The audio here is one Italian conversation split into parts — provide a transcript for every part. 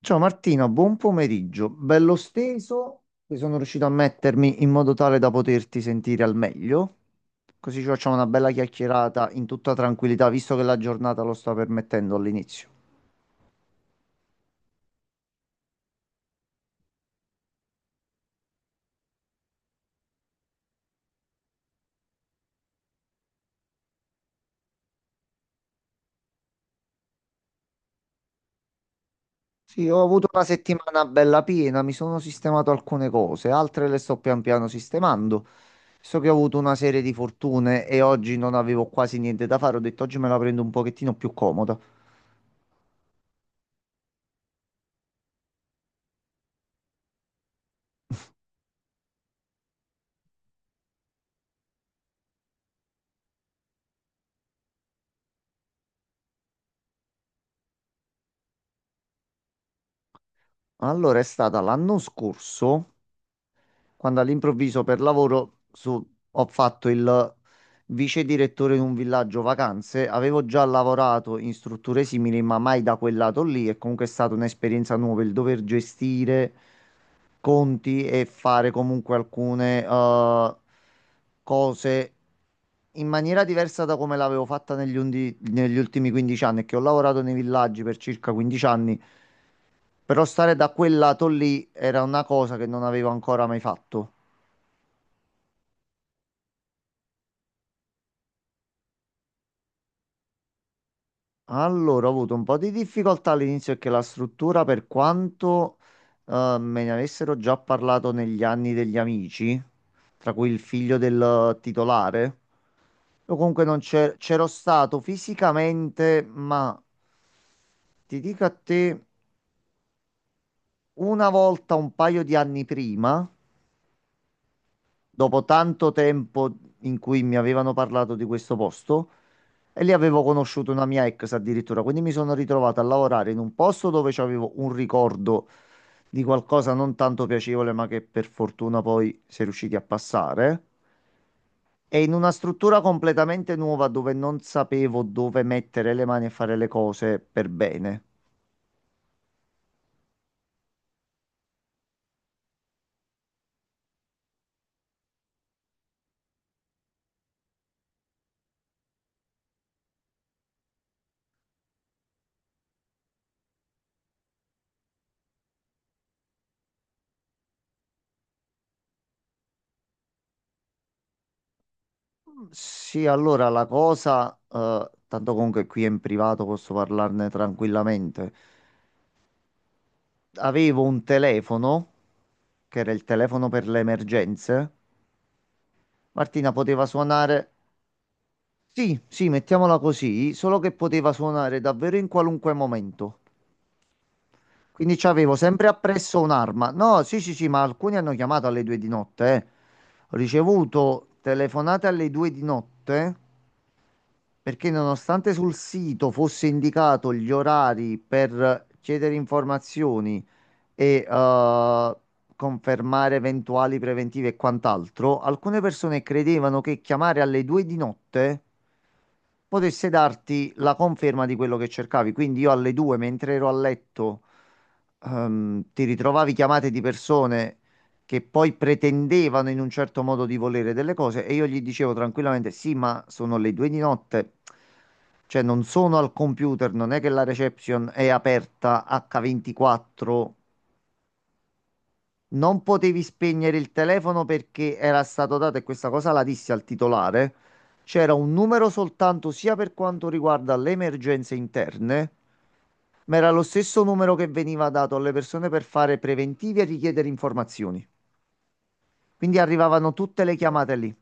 Ciao Martina, buon pomeriggio. Bello steso, che sono riuscito a mettermi in modo tale da poterti sentire al meglio. Così ci facciamo una bella chiacchierata in tutta tranquillità, visto che la giornata lo sta permettendo all'inizio. Sì, ho avuto una settimana bella piena, mi sono sistemato alcune cose, altre le sto pian piano sistemando. So che ho avuto una serie di fortune e oggi non avevo quasi niente da fare, ho detto oggi me la prendo un pochettino più comoda. Allora, è stata l'anno scorso, quando all'improvviso per lavoro ho fatto il vice direttore in un villaggio vacanze. Avevo già lavorato in strutture simili, ma mai da quel lato lì. È comunque stata un'esperienza nuova il dover gestire conti e fare comunque alcune cose in maniera diversa da come l'avevo fatta negli ultimi 15 anni, che ho lavorato nei villaggi per circa 15 anni, però stare da quel lato lì era una cosa che non avevo ancora mai fatto. Allora, ho avuto un po' di difficoltà all'inizio perché la struttura, per quanto eh, me ne avessero già parlato negli anni degli amici, tra cui il figlio del titolare, io comunque non c'è- c'ero stato fisicamente, ma ti dico a te, una volta un paio di anni prima, dopo tanto tempo in cui mi avevano parlato di questo posto, e lì avevo conosciuto una mia ex addirittura, quindi mi sono ritrovato a lavorare in un posto dove c'avevo un ricordo di qualcosa non tanto piacevole, ma che per fortuna poi si è riusciti a passare. E in una struttura completamente nuova dove non sapevo dove mettere le mani e fare le cose per bene. Sì, allora la cosa, tanto comunque qui in privato posso parlarne tranquillamente. Avevo un telefono, che era il telefono per le emergenze. Martina poteva suonare, sì, sì, mettiamola così, solo che poteva suonare davvero in qualunque momento. Quindi c'avevo sempre appresso un'arma. No, sì, sì, sì, ma alcuni hanno chiamato alle due di notte. Ho ricevuto telefonate alle due di notte perché nonostante sul sito fosse indicato gli orari per chiedere informazioni e confermare eventuali preventivi e quant'altro, alcune persone credevano che chiamare alle due di notte potesse darti la conferma di quello che cercavi. Quindi io alle due, mentre ero a letto, ti ritrovavi chiamate di persone che poi pretendevano in un certo modo di volere delle cose e io gli dicevo tranquillamente: "Sì, ma sono le due di notte. Cioè, non sono al computer, non è che la reception è aperta H24". Non potevi spegnere il telefono perché era stato dato, e questa cosa la dissi al titolare, c'era un numero soltanto sia per quanto riguarda le emergenze interne, ma era lo stesso numero che veniva dato alle persone per fare preventivi e richiedere informazioni. Quindi arrivavano tutte le chiamate lì.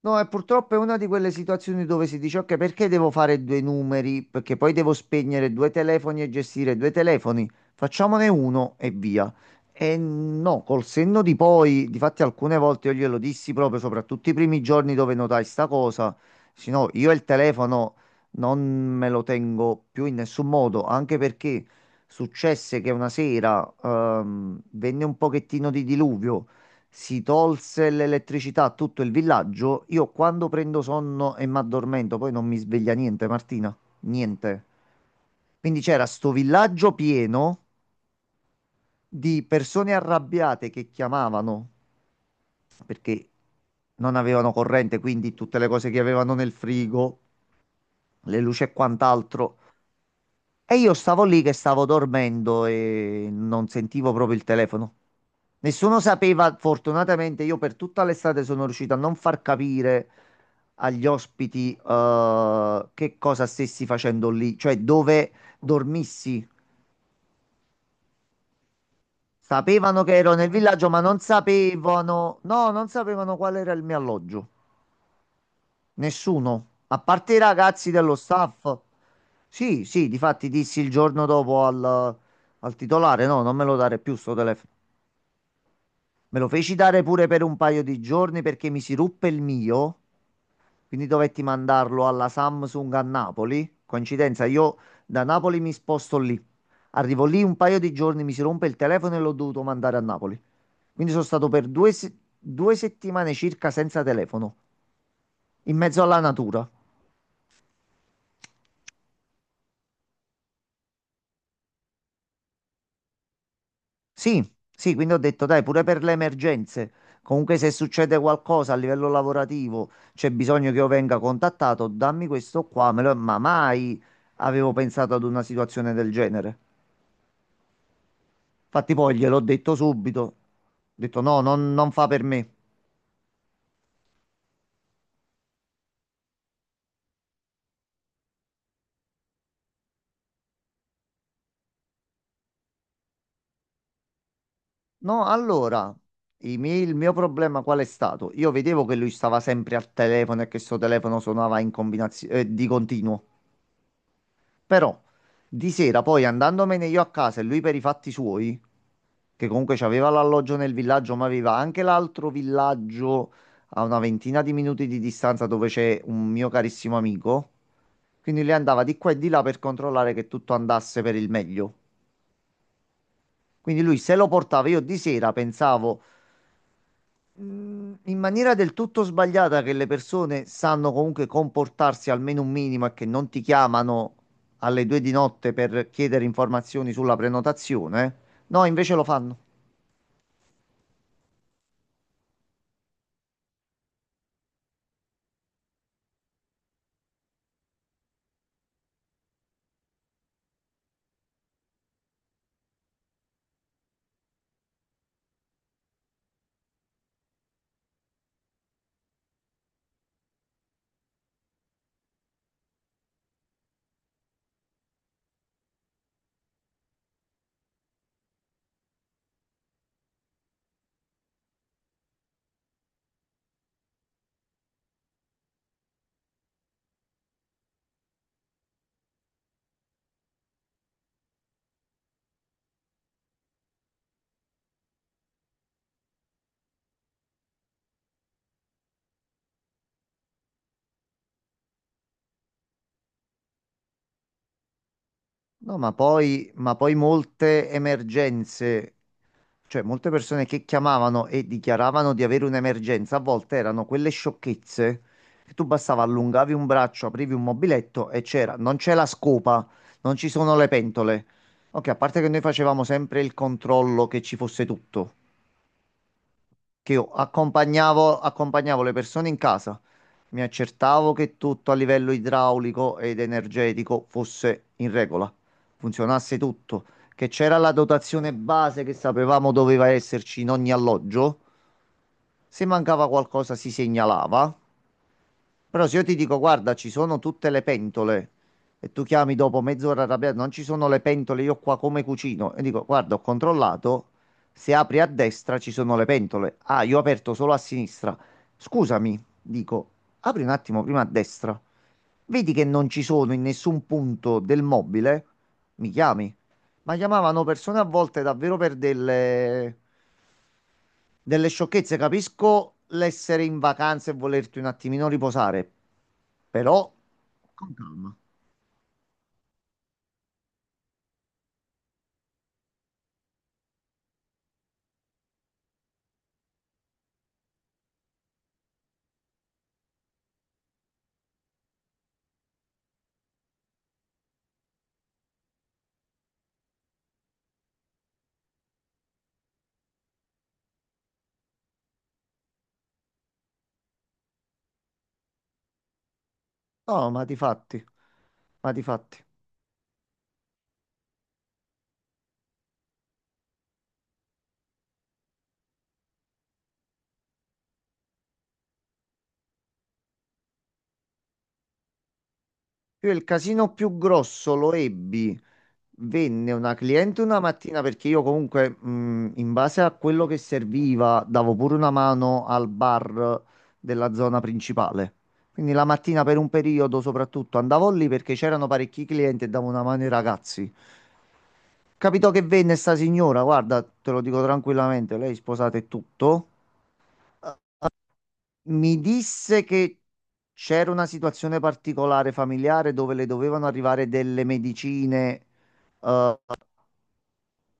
No, e purtroppo è una di quelle situazioni dove si dice, ok, perché devo fare due numeri? Perché poi devo spegnere due telefoni e gestire due telefoni. Facciamone uno e via. E no, col senno di poi, difatti alcune volte io glielo dissi proprio, soprattutto i primi giorni dove notai sta cosa, se no, io il telefono non me lo tengo più in nessun modo, anche perché successe che una sera venne un pochettino di diluvio. Si tolse l'elettricità a tutto il villaggio. Io quando prendo sonno e mi addormento, poi non mi sveglia niente, Martina. Niente. Quindi c'era sto villaggio pieno di persone arrabbiate che chiamavano perché non avevano corrente, quindi tutte le cose che avevano nel frigo, le luci e quant'altro. E io stavo lì che stavo dormendo e non sentivo proprio il telefono. Nessuno sapeva, fortunatamente io per tutta l'estate sono riuscito a non far capire agli ospiti che cosa stessi facendo lì, cioè dove dormissi. Sapevano che ero nel villaggio, ma non sapevano, no, non sapevano qual era il mio alloggio. Nessuno, a parte i ragazzi dello staff. Sì, sì, difatti dissi il giorno dopo al titolare, no, non me lo dare più sto telefono. Me lo feci dare pure per un paio di giorni perché mi si ruppe il mio. Quindi dovetti mandarlo alla Samsung a Napoli. Coincidenza, io da Napoli mi sposto lì. Arrivo lì un paio di giorni, mi si rompe il telefono e l'ho dovuto mandare a Napoli. Quindi sono stato per due settimane circa senza telefono, in mezzo alla natura. Sì, sì, quindi ho detto, dai, pure per le emergenze. Comunque se succede qualcosa a livello lavorativo, c'è bisogno che io venga contattato, dammi questo qua, ma mai avevo pensato ad una situazione del genere. Infatti poi gliel'ho detto subito, ho detto no, non fa per me. No, allora, il mio problema qual è stato? Io vedevo che lui stava sempre al telefono e che suo telefono suonava in combinazione, di continuo. Però di sera poi andandomene io a casa e lui per i fatti suoi, che comunque c'aveva l'alloggio nel villaggio, ma aveva anche l'altro villaggio a una ventina di minuti di distanza dove c'è un mio carissimo amico. Quindi lui andava di qua e di là per controllare che tutto andasse per il meglio. Quindi lui se lo portava io di sera, pensavo mh, in maniera del tutto sbagliata che le persone sanno comunque comportarsi almeno un minimo e che non ti chiamano alle due di notte per chiedere informazioni sulla prenotazione, eh? No, invece lo fanno. No, ma poi, molte emergenze, cioè molte persone che chiamavano e dichiaravano di avere un'emergenza, a volte erano quelle sciocchezze che tu bastava allungavi un braccio, aprivi un mobiletto e c'era, non c'è la scopa, non ci sono le pentole. Ok, a parte che noi facevamo sempre il controllo che ci fosse tutto, che io accompagnavo le persone in casa, mi accertavo che tutto a livello idraulico ed energetico fosse in regola, funzionasse tutto, che c'era la dotazione base che sapevamo doveva esserci in ogni alloggio, se mancava qualcosa si segnalava. Però se io ti dico, guarda, ci sono tutte le pentole e tu chiami dopo mezz'ora arrabbiato, non ci sono le pentole, io qua come cucino, e dico, guarda, ho controllato, se apri a destra ci sono le pentole. Ah, io ho aperto solo a sinistra. Scusami, dico, apri un attimo prima a destra. Vedi che non ci sono in nessun punto del mobile? Mi chiami? Ma chiamavano persone a volte davvero per delle sciocchezze. Capisco l'essere in vacanza e volerti un attimino riposare, però con calma. No, ma di fatti, ma di fatti. Io il casino più grosso lo ebbi. Venne una cliente una mattina perché io comunque, in base a quello che serviva, davo pure una mano al bar della zona principale. Quindi la mattina per un periodo soprattutto andavo lì perché c'erano parecchi clienti e davo una mano ai ragazzi. Capitò che venne sta signora, guarda, te lo dico tranquillamente, lei è sposata e tutto. Mi disse che c'era una situazione particolare familiare dove le dovevano arrivare delle medicine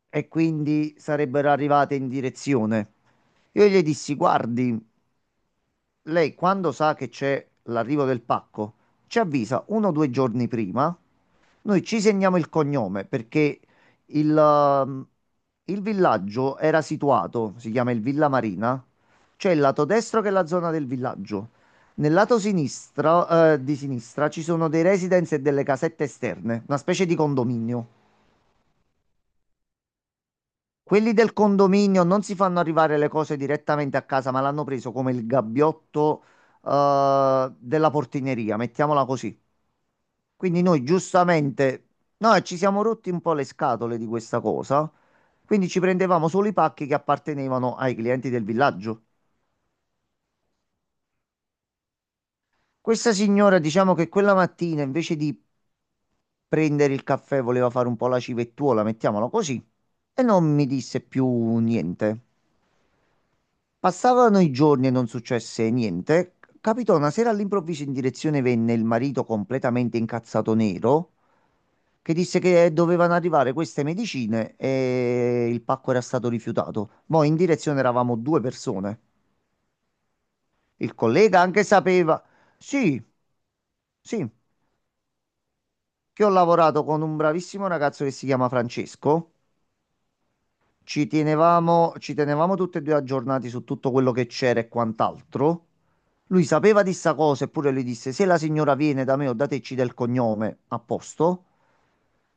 e quindi sarebbero arrivate in direzione. Io gli dissi, guardi, lei quando sa che c'è l'arrivo del pacco, ci avvisa uno o due giorni prima. Noi ci segniamo il cognome perché il, ehm, il villaggio era situato, si chiama il Villa Marina. C'è il lato destro che è la zona del villaggio. Nel lato sinistro, di sinistra ci sono dei residence e delle casette esterne, una specie di condominio. Quelli del condominio non si fanno arrivare le cose direttamente a casa, ma l'hanno preso come il gabbiotto, della portineria, mettiamola così. Quindi noi giustamente, noi ci siamo rotti un po' le scatole di questa cosa, quindi ci prendevamo solo i pacchi che appartenevano ai clienti del villaggio. Questa signora, diciamo che quella mattina invece di prendere il caffè voleva fare un po' la civettuola, mettiamola così, e non mi disse più niente. Passavano i giorni e non successe niente. Capitò una sera all'improvviso in direzione venne il marito completamente incazzato nero che disse che dovevano arrivare queste medicine e il pacco era stato rifiutato. Noi in direzione eravamo due persone. Il collega anche sapeva, sì, sì, che ho lavorato con un bravissimo ragazzo che si chiama Francesco. Ci tenevamo tutti e due aggiornati su tutto quello che c'era e quant'altro. Lui sapeva di sta cosa, eppure lui disse: "Se la signora viene da me o da te, ci dà il cognome a posto".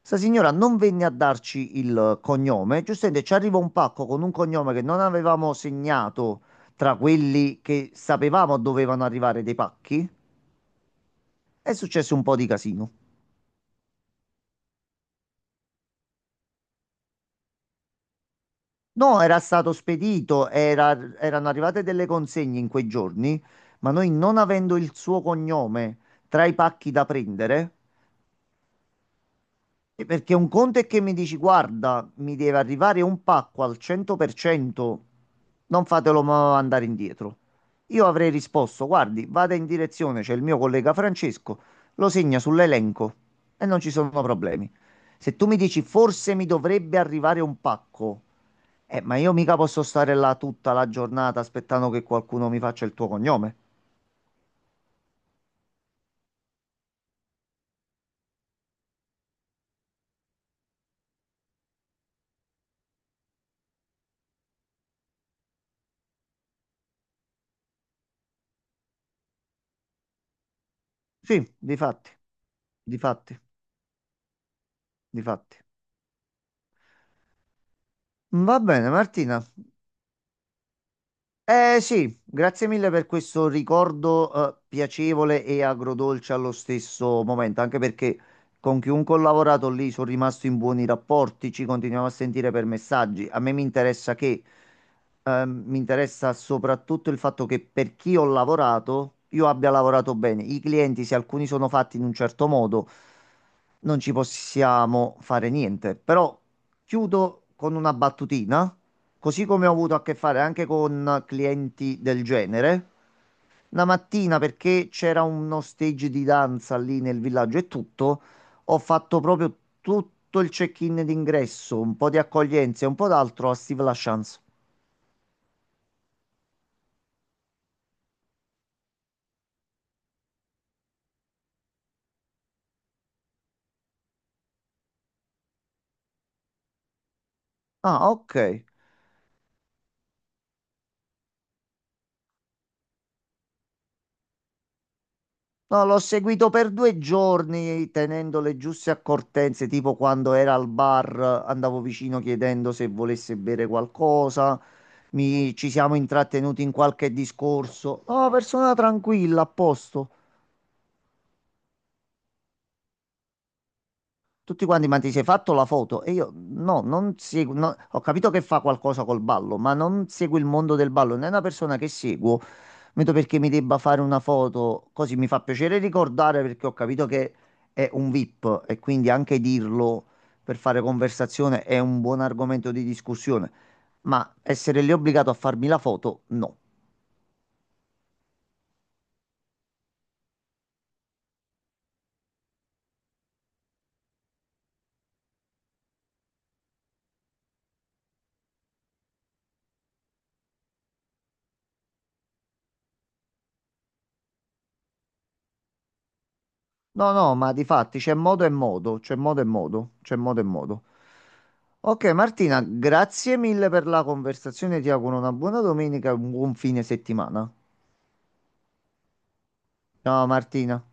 Sta signora non venne a darci il cognome. Giustamente ci arriva un pacco con un cognome che non avevamo segnato tra quelli che sapevamo dovevano arrivare dei pacchi. È successo un po' di casino. No, era stato spedito, erano arrivate delle consegne in quei giorni, ma noi non avendo il suo cognome tra i pacchi da prendere, e perché un conto è che mi dici, guarda, mi deve arrivare un pacco al 100%, non fatelo andare indietro. Io avrei risposto, guardi, vada in direzione, c'è il mio collega Francesco, lo segna sull'elenco e non ci sono problemi. Se tu mi dici, forse mi dovrebbe arrivare un pacco. Ma io mica posso stare là tutta la giornata aspettando che qualcuno mi faccia il tuo cognome. Sì, difatti, difatti, difatti. Va bene, Martina. Eh sì, grazie mille per questo ricordo piacevole e agrodolce allo stesso momento, anche perché con chiunque ho lavorato lì sono rimasto in buoni rapporti, ci continuiamo a sentire per messaggi. A me mi interessa che, mi interessa soprattutto il fatto che per chi ho lavorato, io abbia lavorato bene. I clienti, se alcuni sono fatti in un certo modo, non ci possiamo fare niente. Però chiudo con una battutina. Così come ho avuto a che fare anche con clienti del genere. La mattina, perché c'era uno stage di danza lì nel villaggio e tutto, ho fatto proprio tutto il check-in d'ingresso, un po' di accoglienza e un po' d'altro a Steve LaChance. Ah, ok. No, l'ho seguito per due giorni tenendo le giuste accortenze, tipo quando era al bar andavo vicino chiedendo se volesse bere qualcosa, ci siamo intrattenuti in qualche discorso. No, persona tranquilla, a posto. Tutti quanti, ma ti sei fatto la foto? E io no, non seguo, no, ho capito che fa qualcosa col ballo, ma non seguo il mondo del ballo, non è una persona che seguo. Vedo perché mi debba fare una foto, così mi fa piacere ricordare perché ho capito che è un VIP e quindi anche dirlo per fare conversazione è un buon argomento di discussione, ma essere lì obbligato a farmi la foto, no. No, no, ma di fatti c'è modo e modo, c'è modo e modo, c'è modo e modo. Ok Martina, grazie mille per la conversazione, ti auguro una buona domenica e un buon fine settimana. Ciao Martina.